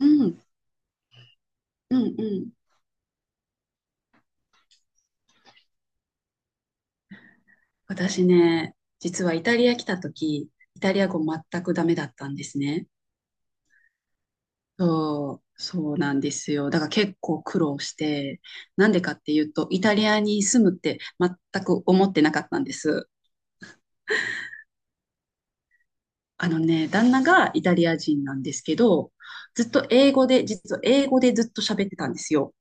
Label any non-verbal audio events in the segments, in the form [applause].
うん、うん、うん。私ね、実はイタリア来た時、イタリア語全くダメだったんですね。そう、そうなんですよ。だから結構苦労して、なんでかっていうと、イタリアに住むって全く思ってなかったんです。あのね、旦那がイタリア人なんですけど、ずっと英語で、実は英語でずっと喋ってたんですよ。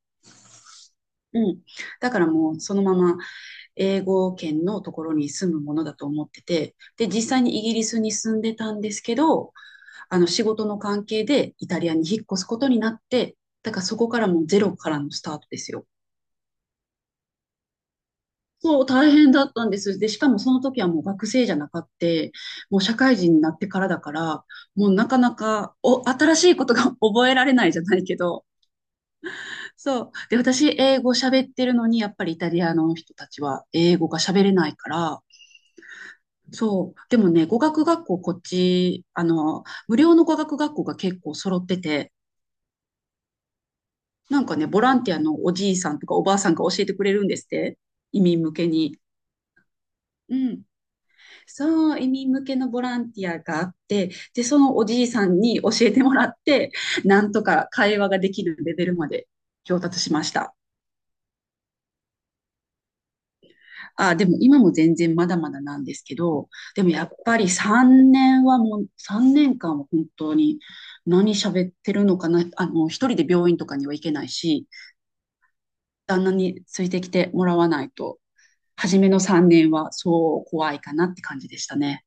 うん。だからもうそのまま英語圏のところに住むものだと思ってて、で、実際にイギリスに住んでたんですけど、仕事の関係でイタリアに引っ越すことになって、だからそこからもうゼロからのスタートですよ。そう、大変だったんです。で、しかもその時はもう学生じゃなかって、もう社会人になってからだから、もうなかなか新しいことが [laughs] 覚えられないじゃないけど、そう。で、私、英語喋ってるのに、やっぱりイタリアの人たちは英語が喋れないから、そう。でもね、語学学校、こっち、無料の語学学校が結構揃ってて、なんかね、ボランティアのおじいさんとかおばあさんが教えてくれるんですって、移民向けに。うん、そう、移民向けのボランティアがあって、で、そのおじいさんに教えてもらって、なんとか会話ができるレベルまで上達しました。あ、でも今も全然まだまだなんですけど、でもやっぱり3年はもう、3年間は本当に何喋ってるのかな、一人で病院とかには行けないし、旦那についてきてもらわないと初めの3年はそう怖いかなって感じでしたね。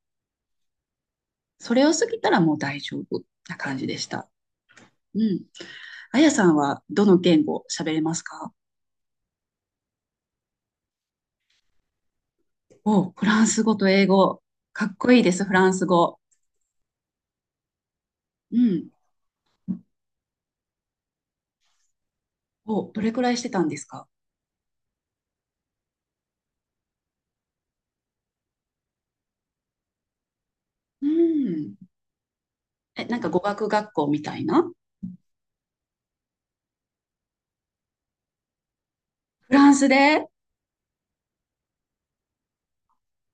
それを過ぎたらもう大丈夫な感じでした。うん。あやさんはどの言語喋れますか？お、フランス語と英語。かっこいいです、フランス語。うん。お、どれくらいしてたんですか？うん。え、なんか語学学校みたいな？フランスで？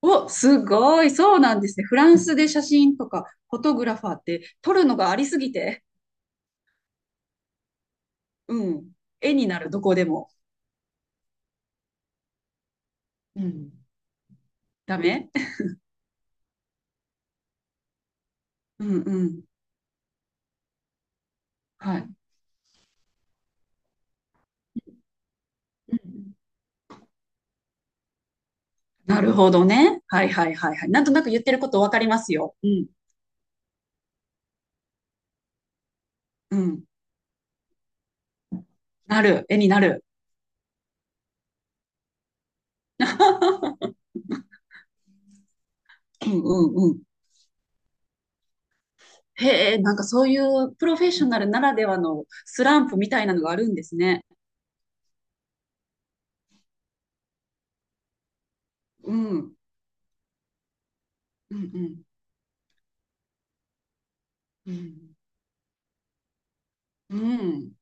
お、すごい。そうなんですね。フランスで写真とか？フォトグラファーって撮るのがありすぎて。うん。絵になる、どこでも。うん。ダメ？うんうん。はい。うん。なるほどね。はいはいはいはい。なんとなく言ってることわかりますよ。うん。うん。なる。絵になる。うんうんうん。へえ、なんかそういうプロフェッショナルならではのスランプみたいなのがあるんですね。うん。うんうん。うん。うん。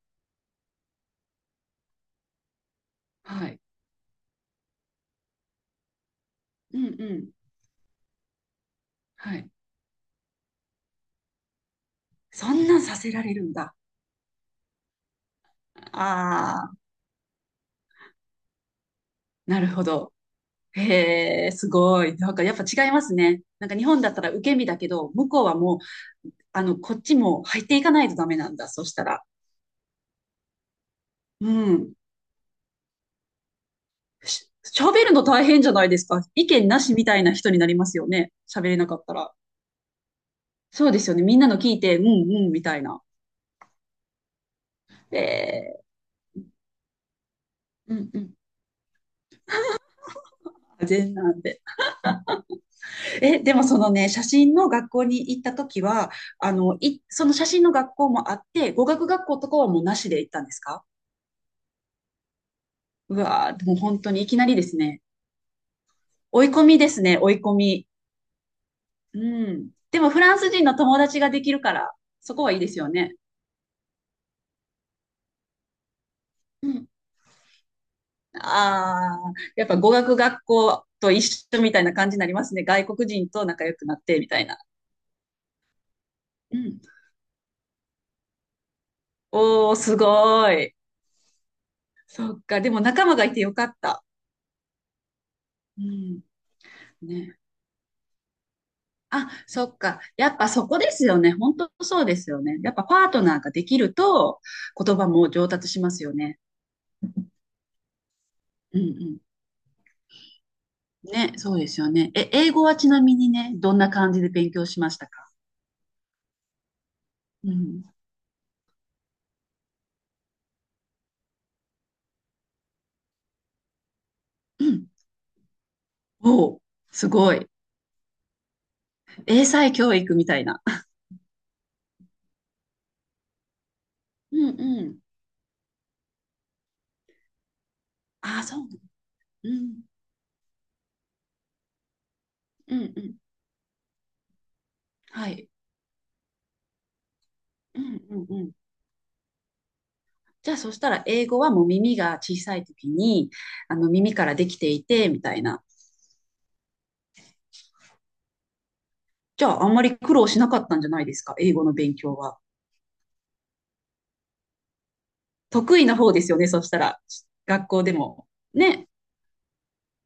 はい。うんうん。はい。そんなんさせられるんだ。ああ、なるほど。へえ、すごい。なんかやっぱ違いますね。なんか日本だったら受け身だけど、向こうはもうこっちも入っていかないとダメなんだ、そしたら。うん。し喋るの大変じゃないですか。意見なしみたいな人になりますよね。喋れなかったら。そうですよね。みんなの聞いて、うんうんみたいな。えー、うんうん。全なんで。え、でもそのね、写真の学校に行った時は、その写真の学校もあって、語学学校とかはもうなしで行ったんですか？うわー、でも本当にいきなりですね。追い込みですね、追い込み。うん。でもフランス人の友達ができるから、そこはいいですよね。うん。ああ、やっぱ語学学校と一緒みたいな感じになりますね。外国人と仲良くなってみたいな。うん。おー、すごい。そっか。でも仲間がいてよかった。うん。ね。あ、そっか。やっぱそこですよね。本当そうですよね。やっぱパートナーができると言葉も上達しますよね。うんうん。ね、そうですよね。え、英語はちなみにね、どんな感じで勉強しましたか？うん。うん。おお、すごい。英才教育みたいな。うんうん。ああ、そうなの。うん。うんうん。はい。うんうんうん。じゃあ、そしたら英語はもう耳が小さい時に、耳からできていて、みたいな。じゃあ、あんまり苦労しなかったんじゃないですか、英語の勉強は。得意な方ですよね、そしたら。学校でも。ね。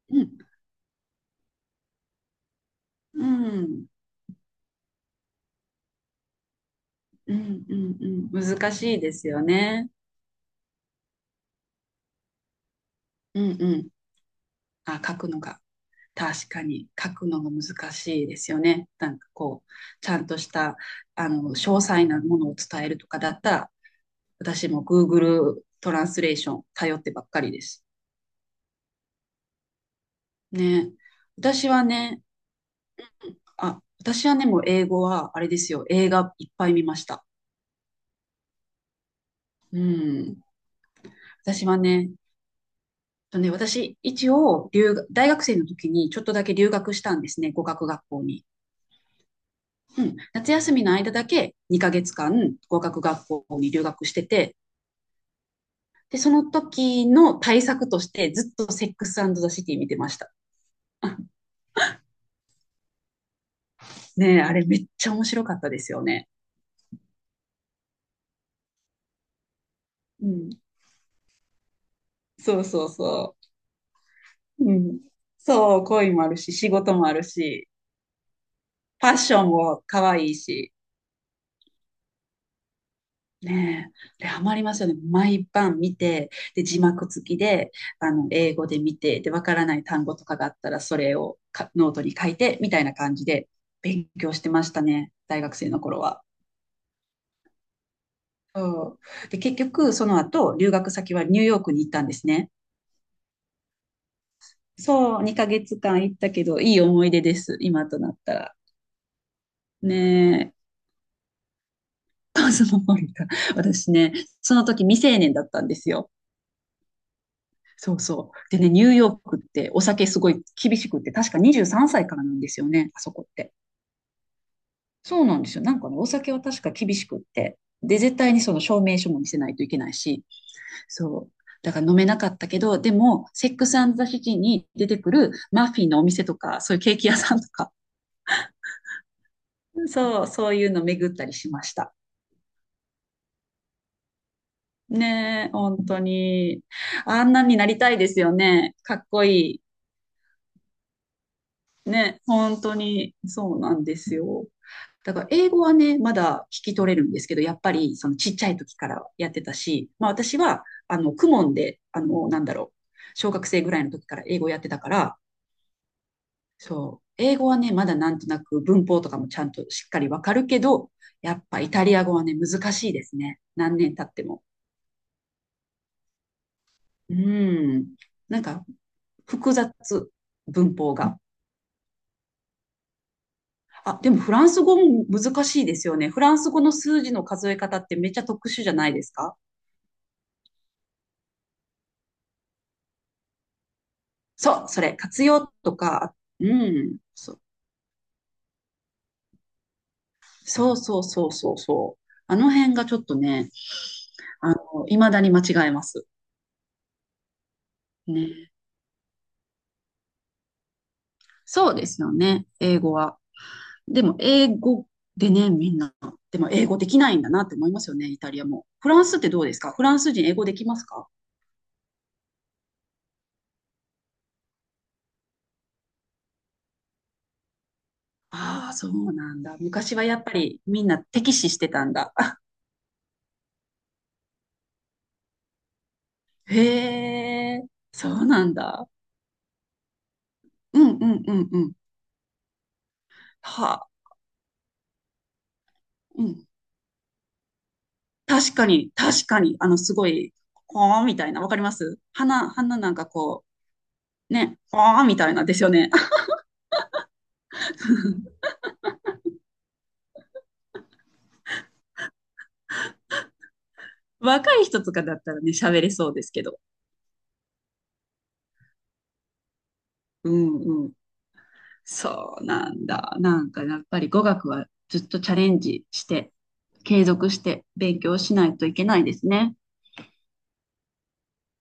うん。うん。うんうんうん。難しいですよね。うんうん。あ、書くのが。確かに書くのが難しいですよね。なんかこう、ちゃんとした、詳細なものを伝えるとかだったら、私も Google トランスレーション頼ってばっかりです。ね。私はね、私はね、もう英語はあれですよ。映画いっぱい見ました。うん。私はね、とね、私、一応留学、大学生の時にちょっとだけ留学したんですね、語学学校に。うん、夏休みの間だけ2ヶ月間語学学校に留学してて、で、その時の対策としてずっとセックスザ・シティ見てました。[laughs] ねえ、あれめっちゃ面白かったですよね。うん。そうそうそう。うん。そう、恋もあるし、仕事もあるし、ファッションも可愛いし。ねえ、でハマりますよね。毎晩見て、で、字幕付きで、英語で見て、で、わからない単語とかがあったら、それをかノートに書いて、みたいな感じで勉強してましたね。大学生の頃は。そう。で、結局、その後、留学先はニューヨークに行ったんですね。そう、2ヶ月間行ったけど、いい思い出です、今となったら。ねえ、[laughs] コスモポリタン。私ね、その時未成年だったんですよ。そうそう。でね、ニューヨークってお酒すごい厳しくって、確か23歳からなんですよね、あそこって。そうなんですよ。なんかね、お酒は確か厳しくって。で、絶対にその証明書も見せないといけないし、そう。だから飲めなかったけど、でも、セックスザシティに出てくるマフィンのお店とか、そういうケーキ屋さんとか、[laughs] そう、そういうの巡ったりしました。ねえ、本当に。あんなんになりたいですよね。かっこいい。ね、本当に、そうなんですよ。だから英語はね、まだ聞き取れるんですけど、やっぱりそのちっちゃい時からやってたし、まあ私は、公文で、なんだろう、小学生ぐらいの時から英語やってたから、そう。英語はね、まだなんとなく文法とかもちゃんとしっかりわかるけど、やっぱイタリア語はね、難しいですね。何年経っても。うん。なんか複雑、文法が。あ、でもフランス語も難しいですよね。フランス語の数字の数え方ってめっちゃ特殊じゃないですか？そう、それ、活用とか、うん、そうそうそうそうそうそう。あの辺がちょっとね、未だに間違えます。ね。そうですよね、英語は。でも、英語でね、みんな。でも、英語できないんだなって思いますよね、イタリアも。フランスってどうですか？フランス人英語できますか？ああー、そうなんだ。昔はやっぱりみんな敵視してたんだ。[laughs] へえ、そうなんだ。うんうんうんうん。はあ、うん。確かに、確かに、すごい、ほーみたいな、わかります花なんかこう、ね、ほーみたいなですよね。[laughs] 若い人とかだったらね、喋れそうですけど。うんうん。そうなんだ。なんかやっぱり語学はずっとチャレンジして、継続して勉強しないといけないですね。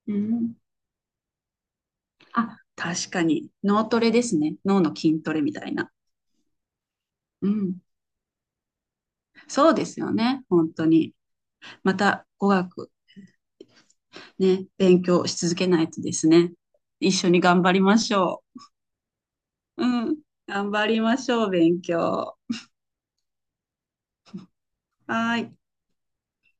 うん。あ、確かに脳トレですね。脳の筋トレみたいな。うん。そうですよね。本当に。また語学ね、勉強し続けないとですね。一緒に頑張りましょう。うん。頑張りましょう、勉強。はーい。